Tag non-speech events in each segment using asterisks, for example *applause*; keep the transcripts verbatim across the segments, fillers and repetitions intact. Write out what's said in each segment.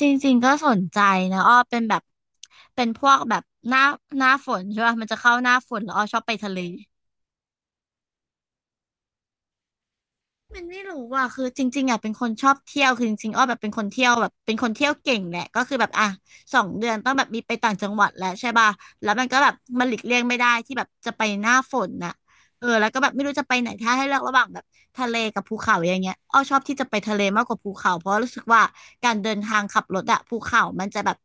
จริงๆก็สนใจนะอ้อเป็นแบบ เป็นพวกแบบหน้าหน้าฝนใช่ป่ะมันจะเข้าหน้าฝนแล้วอ้อชอบไปทะเล มันไม่รู้ว่าคือจริงๆอ่ะเป็นคนชอบเที่ยวคือจริงๆอ้อแบบเป็นคนเที่ยวแบบเป็นคนเที่ยวเก่งแหละก็คือแบบอ่ะสองเดือนต้องแบบมีไปต่างจังหวัดแล้วใช่ป่ะแล้วมันก็แบบมันหลีกเลี่ยงไม่ได้ที่แบบจะไปหน้าฝนน่ะเออแล้วก็แบบไม่รู้จะไปไหนถ้าให้เลือกระหว่างแบบทะเลกับภูเขาอย่างเงี้ยอ้อชอบที่จะไปทะเลมากกว่าภูเขาเพราะรู้สึกว่าการเดินทางขับรถอะภูเขามันจะแบบ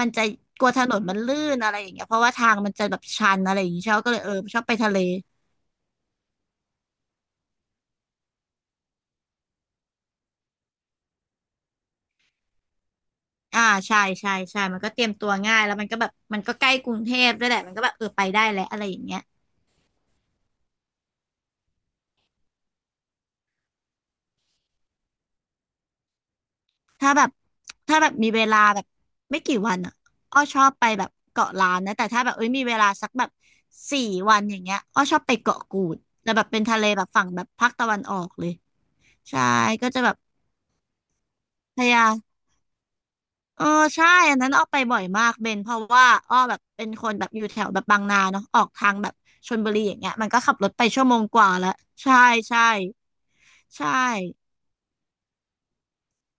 มันจะกลัวถนนมันลื่นอะไรอย่างเงี้ยเพราะว่าทางมันจะแบบชันอะไรอย่างเงี้ยชอบก็เลยเออชอบไปทะเล อ่าใช่ใช่ใช่มันก็เตรียมตัวง่ายแล้วมันก็แบบมันก็ใกล้กรุงเทพด้วยแหละมันก็แบบเออไปได้แหละอะไรอย่างเงี้ยถ้าแบบถ้าแบบมีเวลาแบบไม่กี่วันอ่ะอ้อชอบไปแบบเกาะล้านนะแต่ถ้าแบบเอ้ยมีเวลาสักแบบสี่วันอย่างเงี้ยอ้อชอบไปเกาะกูดแล้วแบบเป็นทะเลแบบฝั่งแบบภาคตะวันออกเลยใช่ก็จะแบบพยายามเออใช่อันนั้นอ้อไปบ่อยมากเบนเพราะว่าอ้อแบบเป็นคนแบบอยู่แถวแบบบางนาเนาะออกทางแบบชลบุรีอย่างเงี้ยมันก็ขับรถไปชั่วโมงกว่าแล้วใช่ใช่ ใช่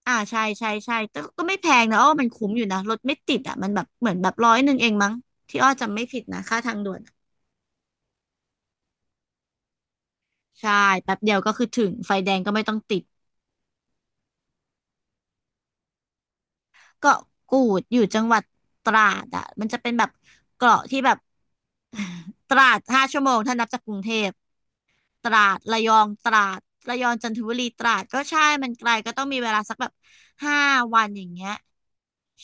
อ่าใช่ใช่ใช่แต่ก็ไม่แพงนะอ้อมันคุ้มอยู่นะรถไม่ติดอ่ะมันแบบเหมือนแบบร้อยหนึ่งเองมั้งที่อ้อจำไม่ผิดนะ ค่าทางด่วนอะใช่แป๊บเดียวก็คือถึงไฟแดงก็ไม่ต้องติดเกาะกูดอยู่จังหวัดตราดอ่ะมันจะเป็นแบบเกาะที่แบบ *laughs* ตราดห้าชั่วโมงถ้านับจากกรุงเทพตราดระยองตราดระยองจันทบุรีตราดก็ใช่มันไกลก็ต้องมีเวลาสักแบบห้าวันอย่างเงี้ย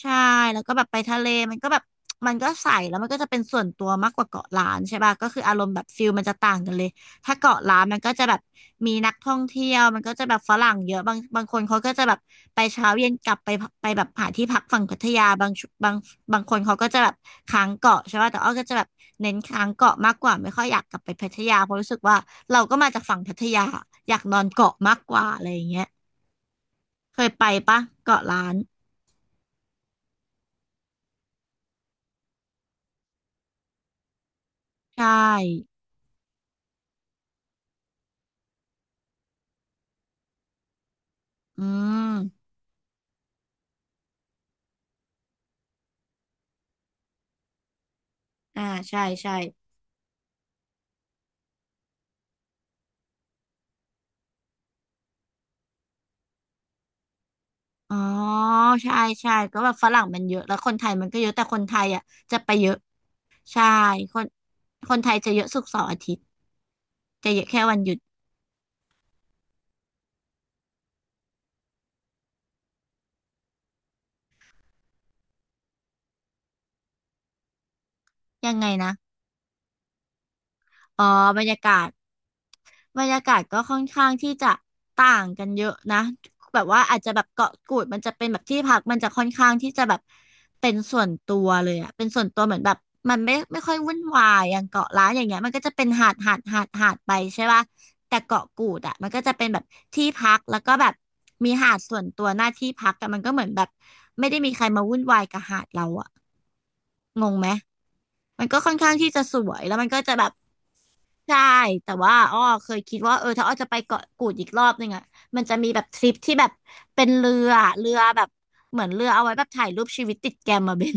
ใช่แล้วก็แบบไปทะเลมันก็แบบมันก็ใสแล้วมันก็จะเป็นส่วนตัวมากกว่าเกาะล้านใช่ป่ะก็คืออารมณ์แบบฟิลมันจะต่างกันเลยถ้าเกาะล้านมันก็จะแบบมีนักท่องเที่ยวมันก็จะแบบฝรั่งเยอะบางบางคนเขาก็จะแบบไปเช้าเย็นกลับไปไปแบบหาที่พักฝั่งพัทยาบางบางบางคนเขาก็จะแบบค้างเกาะใช่ป่ะแต่อ้อก็จะแบบเน้นค้างเกาะมากกว่าไม่ค่อยอยากกลับไปพัทยาเพราะรู้สึกว่าเราก็มาจากฝั่งพัทยาอยากนอนเกาะมากกว่าอะไรอย่างเงี้ยเคยไปปะเกาะล้านใช่อืม อ่าใช่ใช่อ๋อใช่ใช่ก็แบบฝรั่งมันเยอะแล้วคนไทยมันก็เยอะแต่คนไทยอ่ะจะไปเยอะใช่คนคนไทยจะเยอะศุกร์เสาร์อาทิตย์จะเยอะแค่วันหยุดยังไงนะ อ๋อบรรยากาศบรรยากาศก็ค่อนข้างที่จะต่างกันเยอะนะแบบว่าอาจจะแบบเกาะกูดมันจะเป็นแบบที่พักมันจะค่อนข้างที่จะแบบเป็นส่วนตัวเลยอะเป็นส่วนตัวเหมือนแบบมันไม่ไม่ค่อยวุ่นวายอย่างเกาะล้านอย่างเงี้ยมันก็จะเป็นหาดหาดหาดหาดไปใช่ป่ะแต่เกาะกูดอะมันก็จะเป็นแบบที่พักแล้วก็แบบมีหาดส่วนตัวหน้าที่พักแต่มันก็เหมือนแบบไม่ได้มีใครมาวุ่นวายกับหาดเราอะ งงไหม มันก็ค่อนข้างที่จะสวยแล้วมันก็จะแบบใช่แต่ว่าอ้อเคยคิดว่าเออถ้าอ้อจะไปเกาะกูดอีกรอบนึงอ่ะมันจะมีแบบทริปที่แบบเป็นเรือเรือแบบเหมือนเรือเอาไว้แบบถ่ายรูปชีวิตติดแกมมาเบน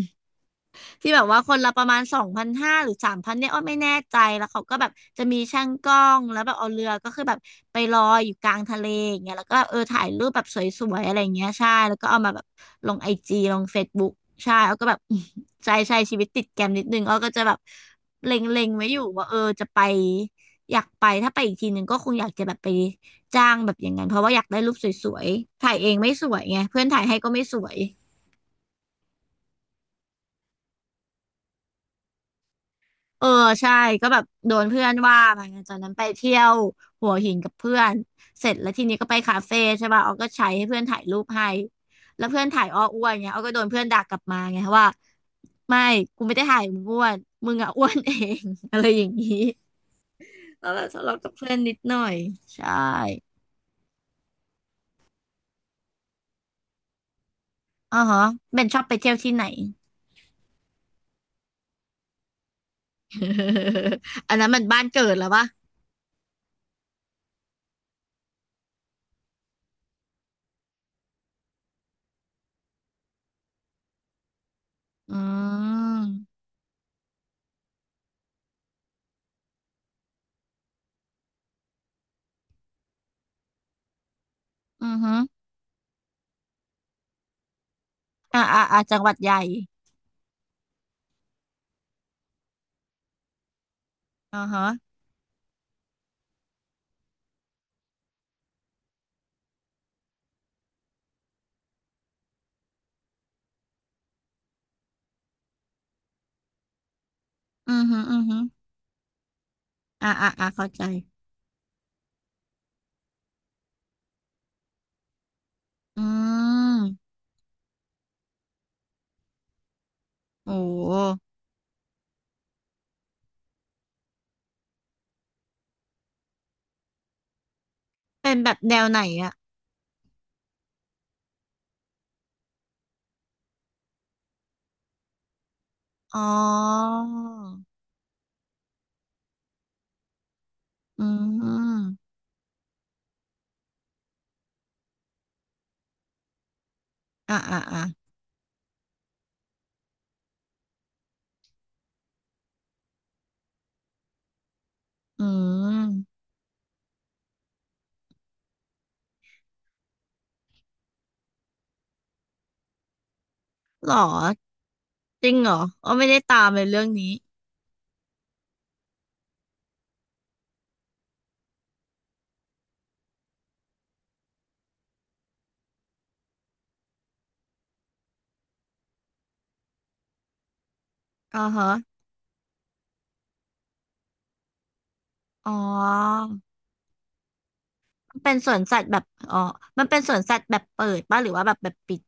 ที่แบบว่าคนละประมาณสองพันห้าหรือสามพันเนี่ยอ้อไม่แน่ใจแล้วเขาก็แบบจะมีช่างกล้องแล้วแบบเอาเรือก็คือแบบไปลอยอยู่กลางทะเลอย่างเงี้ยแล้วก็เออถ่ายรูปแบบสวยๆอะไรอย่างเงี้ยใช่แล้วก็เอามาแบบลงไอ จีลงเฟซบุ๊กใช่แล้วก็แบบ *laughs* ใช่ใช่ชีวิตติดแกรมนิดนึงอ้อก็จะแบบเล็งๆไว้อยู่ว่าเออจะไปอยากไปถ้าไปอีกทีหนึ่งก็คงอยากจะแบบไปจ้างแบบอย่างนั้นเพราะว่าอยากได้รูปสวยๆถ่ายเองไม่สวยไงเพื่อนถ่ายให้ก็ไม่สวย เออใช่ก็แบบโดนเพื่อนว่ามาไปจากนั้นไปเที่ยวหัวหินกับเพื่อนเสร็จแล้วทีนี้ก็ไปคาเฟ่ใช่ป่ะออก็ใช้ให้เพื่อนถ่ายรูปให้แล้วเพื่อนถ่ายอ้ออ้วนเงี้ยออก็โดนเพื่อนด่ากลับมาไงว่าไม่กูไม่ได้ถ่ายมึงอ้วนมึงอะอ้วนเอง *laughs* อะไรอย่างนี้แล้วเราทะเลาะกับเพื่อนนิดหน่อยใช่อ๋อฮะเบนชอบไปเที่ยวที่ไหน *laughs* อันนั้นมันบ้านเกิดแล้วปะอืมอือฮึอ่าอ่าอ่าจังหวัดใหญ่อ๋อฮะอือฮึอือฮึ อ่าอ่าอ่าเข้าใจอืมโอ้เป็นแบบแนวไหนอ่ะอ๋ออืมอ่าอ่าอ่าอืมหรอจริงเหรออ๋อไม่ได้ตามเลยเรื่องนี้อ๋อฮะอ๋อมันเป็นสวนสัตว์แบบอ๋อมันเป็นสวนสัตว์แบบเปิดป่ะหรือว่าแบบแบบปิด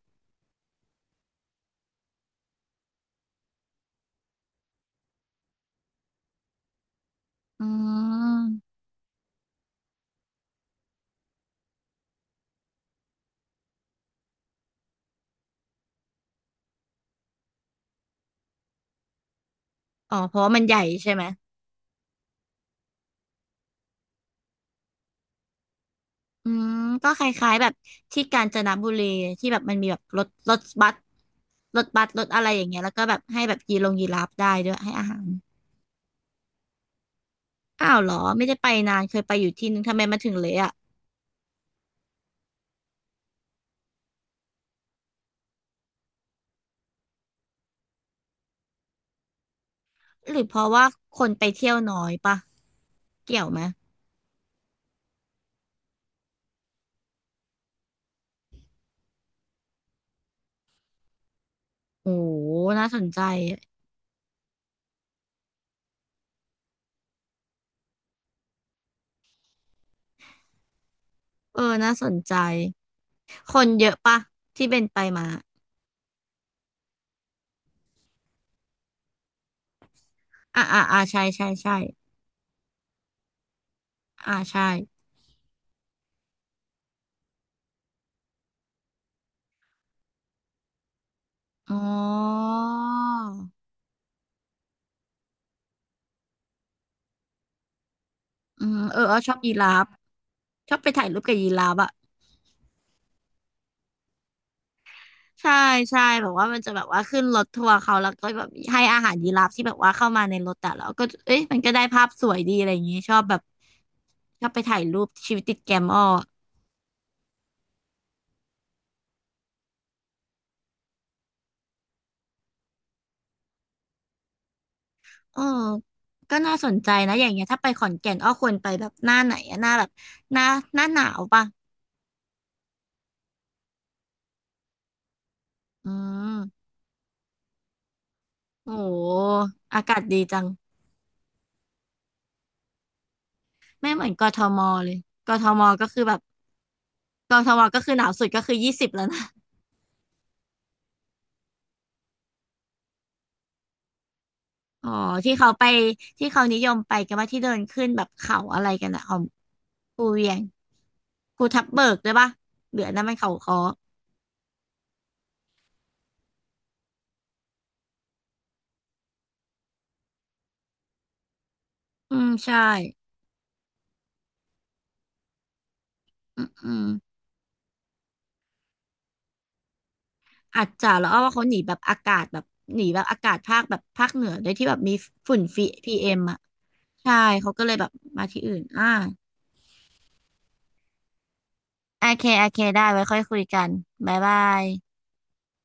อืมอ๋อเพราะว่ามันใหญ่ใช่ไหม อืมก็คล้ายๆแบบที่กาญจนบุรีที่แบบมันมีแบบรถรถบัสรถบัสรถอะไรอย่างเงี้ยแล้วก็แบบให้แบบยีลงยีราฟได้ด้วยให้อาหารอ้าวเหรอไม่ได้ไปนานเคยไปอยู่ที่นึงทำไมมาถึงเละอ่ะหรือเพราะว่าคนไปเที่ยวน้อยปะเกี่ยวไหมโอ้น่าสนใจเออน่าสนใจคนเยอะปะที่เป็นไปมาอ่าอ่าอ่าใช่ใช่ใช่อ่าใช่อ๋ออืมเออเออชอบยีราฟชอบไปถ่ายรูปกับยีราฟอะ ใช่ใช่แบบว่ามันจะแบบว่าขึ้นรถทัวร์เขาแล้วก็แบบให้อาหารยีราฟที่แบบว่าเข้ามาในรถแต่แล้วก็เอ้ยมันก็ได้ภาพสวยดีอะไรอย่างงี้ชอบแบบชอบไปถ่ายรูปชีวิตติดแกมอ้อเออก็น่าสนใจนะอย่างเงี้ยถ้าไปขอนแก่นอ้อควรไปแบบหน้าไหนอะหน้าแบบหน้าหน้าหนาวปะอืมโอ้โหอากาศดีจังไม่เหมือนกทมเลยกทมก็คือแบบกทมก็คือหนาวสุดก็คือยี่สิบแล้วนะ อ๋อที่เขาไปที่เขานิยมไปกันว่าที่เดินขึ้นแบบเขาอะไรกันอะของภูเวียงภูทับเบิกด้วยปะเหลือนั้นมันเขาค้ออืมใช่อืมอืมอาจจะแล้วอ้อว่าเขาหนีแบบอากาศแบบหนีแบบอากาศภาคแบบภาคเหนือด้วยที่แบบมีฝุ่นฟีพีเอ็มอ่ะใช่เขาก็เลยแบบมาที่อื่นอ่าโอเคโอเคได้ไว้ค่อยคุยกันบ๊ายบาย